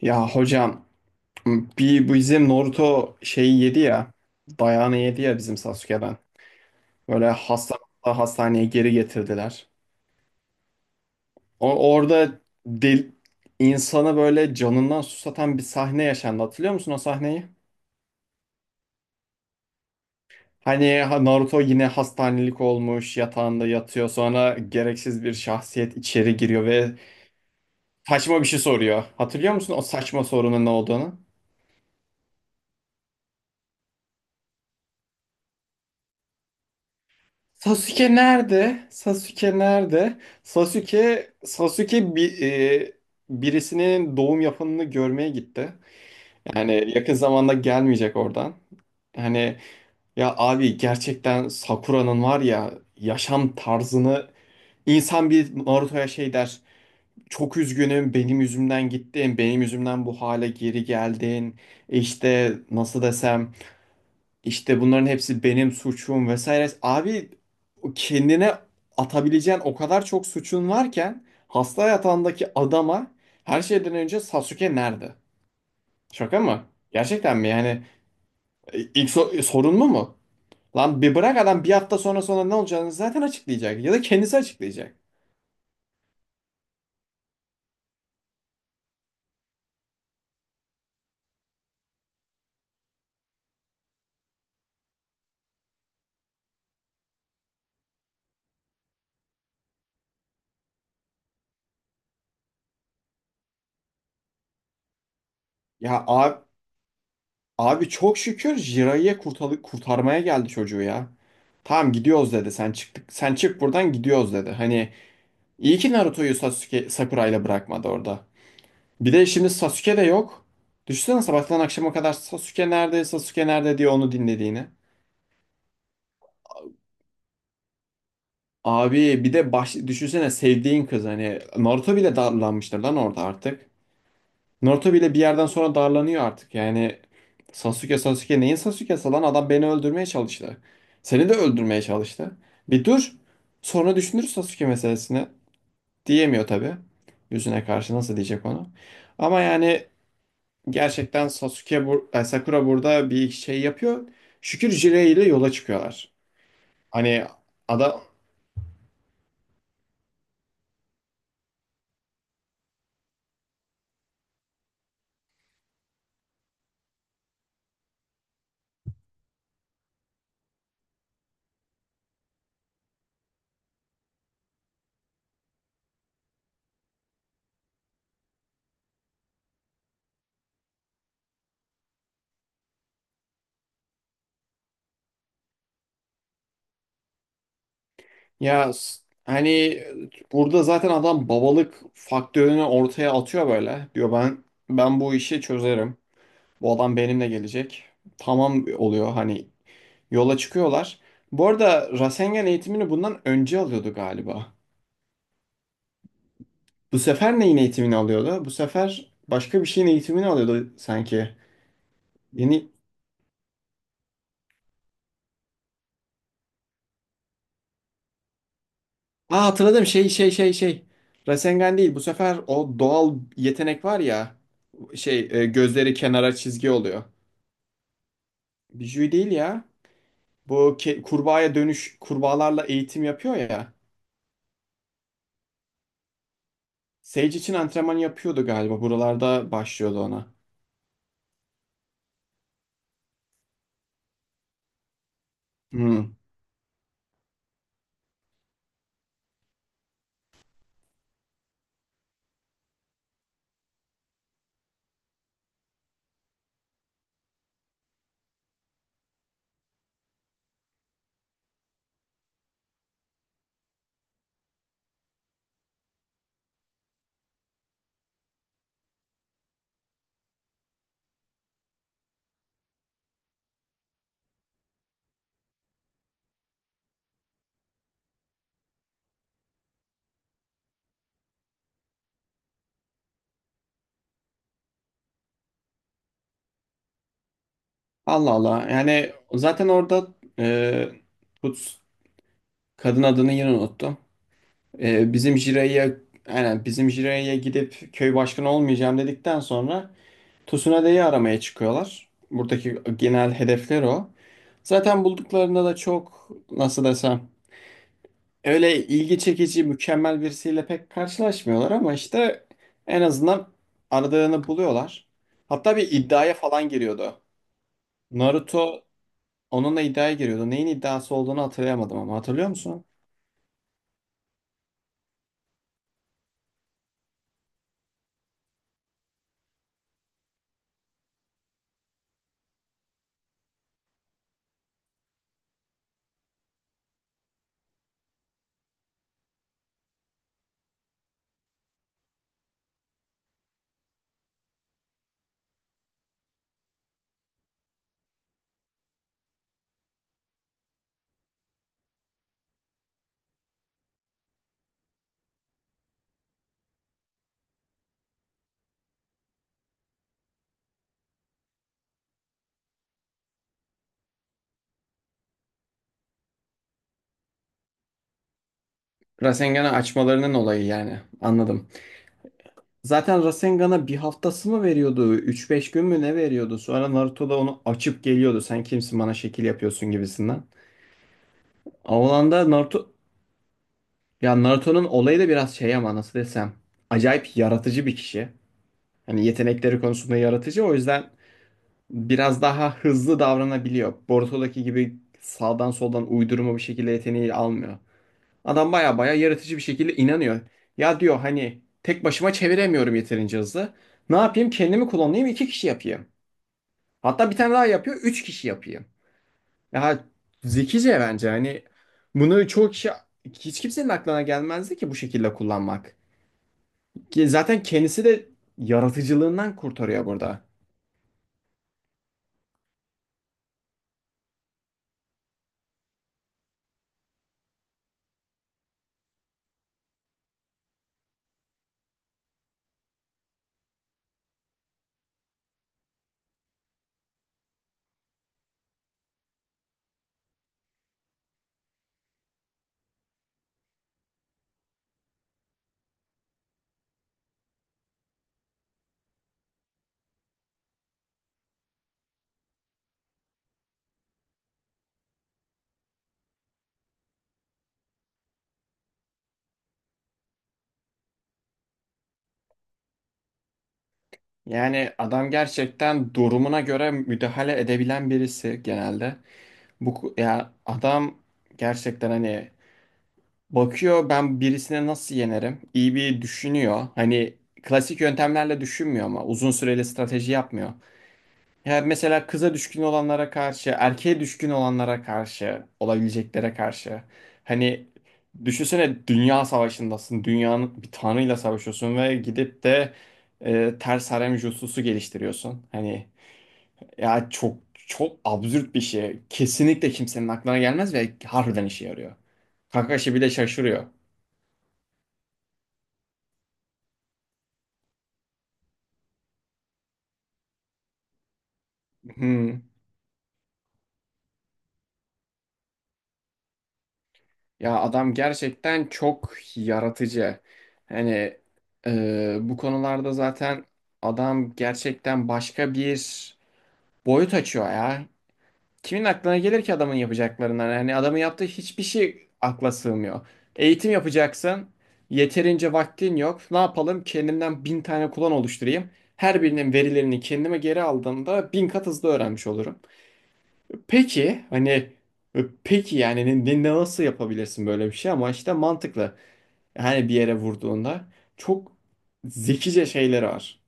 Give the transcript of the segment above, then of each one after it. Ya hocam, bir bizim Naruto şeyi yedi ya, dayağını yedi ya bizim Sasuke'den. Böyle hasta hastaneye geri getirdiler. O, orada del, insanı böyle canından susatan bir sahne yaşandı. Hatırlıyor musun o sahneyi? Hani Naruto yine hastanelik olmuş yatağında yatıyor, sonra gereksiz bir şahsiyet içeri giriyor ve saçma bir şey soruyor. Hatırlıyor musun o saçma sorunun ne olduğunu? Sasuke nerede? Sasuke nerede? Sasuke bir birisinin doğum yapanını görmeye gitti. Yani yakın zamanda gelmeyecek oradan. Hani ya abi, gerçekten Sakura'nın var ya yaşam tarzını, insan bir Naruto'ya şey der. Çok üzgünüm, benim yüzümden gittin. Benim yüzümden bu hale geri geldin. E İşte nasıl desem, işte bunların hepsi benim suçum vesaire. Abi, kendine atabileceğin o kadar çok suçun varken hasta yatağındaki adama her şeyden önce Sasuke nerede? Şaka mı? Gerçekten mi? Yani sorun mu? Lan bir bırak, adam bir hafta sonra ne olacağını zaten açıklayacak ya da kendisi açıklayacak. Ya abi, abi çok şükür Jiraiya kurtarmaya geldi çocuğu ya. Tamam, gidiyoruz dedi. Sen çık buradan, gidiyoruz dedi. Hani İyi ki Naruto'yu Sasuke Sakura'yla bırakmadı orada. Bir de şimdi Sasuke de yok. Düşünsene sabahtan akşama kadar Sasuke nerede, Sasuke nerede diye onu dinlediğini. Abi bir de düşünsene sevdiğin kız, hani Naruto bile darlanmıştır lan orada artık. Naruto bile bir yerden sonra darlanıyor artık. Yani Sasuke neyin Sasuke'si lan, adam beni öldürmeye çalıştı. Seni de öldürmeye çalıştı. Bir dur. Sonra düşünür Sasuke meselesini. Diyemiyor tabii. Yüzüne karşı nasıl diyecek onu. Ama yani gerçekten Sakura burada bir şey yapıyor. Şükür Jiraiya ile yola çıkıyorlar. Hani adam, hani burada zaten adam babalık faktörünü ortaya atıyor böyle. Diyor ben bu işi çözerim. Bu adam benimle gelecek. Tamam oluyor, hani yola çıkıyorlar. Bu arada Rasengan eğitimini bundan önce alıyordu galiba. Bu sefer neyin eğitimini alıyordu? Bu sefer başka bir şeyin eğitimini alıyordu sanki. Yeni, aa hatırladım, şey. Rasengan değil bu sefer, o doğal yetenek var ya, gözleri kenara çizgi oluyor. Bijuy değil ya. Bu kurbağaya dönüş, kurbağalarla eğitim yapıyor ya. Sage için antrenman yapıyordu galiba, buralarda başlıyordu ona. Hmm. Allah Allah, yani zaten orada, e, Put kadın adını yine unuttum. Bizim Jiraiya, aynen bizim Jiraiya gidip köy başkanı olmayacağım dedikten sonra Tsunade'yi aramaya çıkıyorlar. Buradaki genel hedefler o. Zaten bulduklarında da çok nasıl desem, öyle ilgi çekici mükemmel birisiyle pek karşılaşmıyorlar, ama işte en azından aradığını buluyorlar. Hatta bir iddiaya falan giriyordu. Naruto onunla iddiaya giriyordu. Neyin iddiası olduğunu hatırlayamadım ama hatırlıyor musun? Rasengan'ı açmalarının olayı yani. Anladım. Zaten Rasengan'a bir haftası mı veriyordu, üç beş gün mü ne veriyordu? Sonra Naruto da onu açıp geliyordu. Sen kimsin bana şekil yapıyorsun gibisinden. Avlanda Naruto... Ya Naruto'nun olayı da biraz şey ama nasıl desem, acayip yaratıcı bir kişi. Hani yetenekleri konusunda yaratıcı. O yüzden biraz daha hızlı davranabiliyor. Boruto'daki gibi sağdan soldan uydurma bir şekilde yeteneği almıyor. Adam baya baya yaratıcı bir şekilde inanıyor. Ya diyor hani tek başıma çeviremiyorum yeterince hızlı. Ne yapayım? Kendimi kullanayım, iki kişi yapayım. Hatta bir tane daha yapıyor. Üç kişi yapıyor. Ya zekice bence. Hani bunu çoğu kişi, hiç kimsenin aklına gelmezdi ki bu şekilde kullanmak. Ki zaten kendisi de yaratıcılığından kurtarıyor burada. Yani adam gerçekten durumuna göre müdahale edebilen birisi genelde. Ya adam gerçekten hani bakıyor, ben birisine nasıl yenerim? İyi bir düşünüyor. Hani klasik yöntemlerle düşünmüyor ama uzun süreli strateji yapmıyor. Yani mesela kıza düşkün olanlara karşı, erkeğe düşkün olanlara karşı, olabileceklere karşı. Hani düşünsene dünya savaşındasın, dünyanın bir tanrıyla savaşıyorsun ve gidip de ters harem jutsusu geliştiriyorsun. Hani ya çok absürt bir şey. Kesinlikle kimsenin aklına gelmez ve harbiden işe yarıyor. Kakashi bile şaşırıyor. Hmm. Ya adam gerçekten çok yaratıcı. Hani bu konularda zaten adam gerçekten başka bir boyut açıyor ya. Kimin aklına gelir ki adamın yapacaklarından? Hani adamın yaptığı hiçbir şey akla sığmıyor. Eğitim yapacaksın. Yeterince vaktin yok. Ne yapalım? Kendimden bin tane kullan oluşturayım. Her birinin verilerini kendime geri aldığımda bin kat hızlı öğrenmiş olurum. Peki hani, peki yani nasıl yapabilirsin böyle bir şey, ama işte mantıklı. Hani bir yere vurduğunda çok zekice şeyleri var.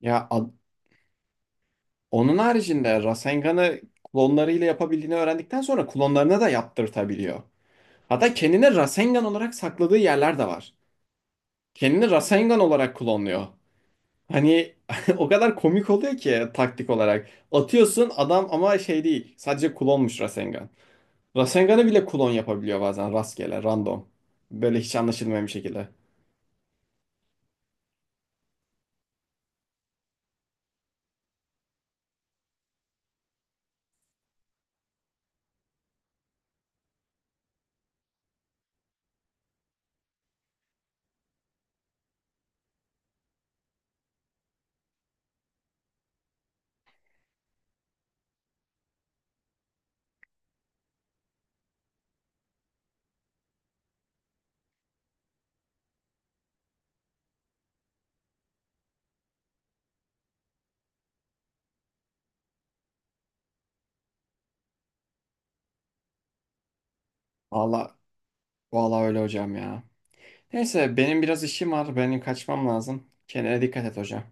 Ya a- Onun haricinde Rasengan'ı klonlarıyla yapabildiğini öğrendikten sonra klonlarına da yaptırtabiliyor. Hatta kendini Rasengan olarak sakladığı yerler de var. Kendini Rasengan olarak klonluyor. Hani o kadar komik oluyor ki taktik olarak. Atıyorsun adam, ama şey değil. Sadece klonmuş Rasengan. Rasengan'ı bile klon yapabiliyor bazen rastgele, random. Böyle hiç anlaşılmayan bir şekilde. Valla, valla öyle hocam ya. Neyse, benim biraz işim var. Benim kaçmam lazım. Kendine dikkat et hocam.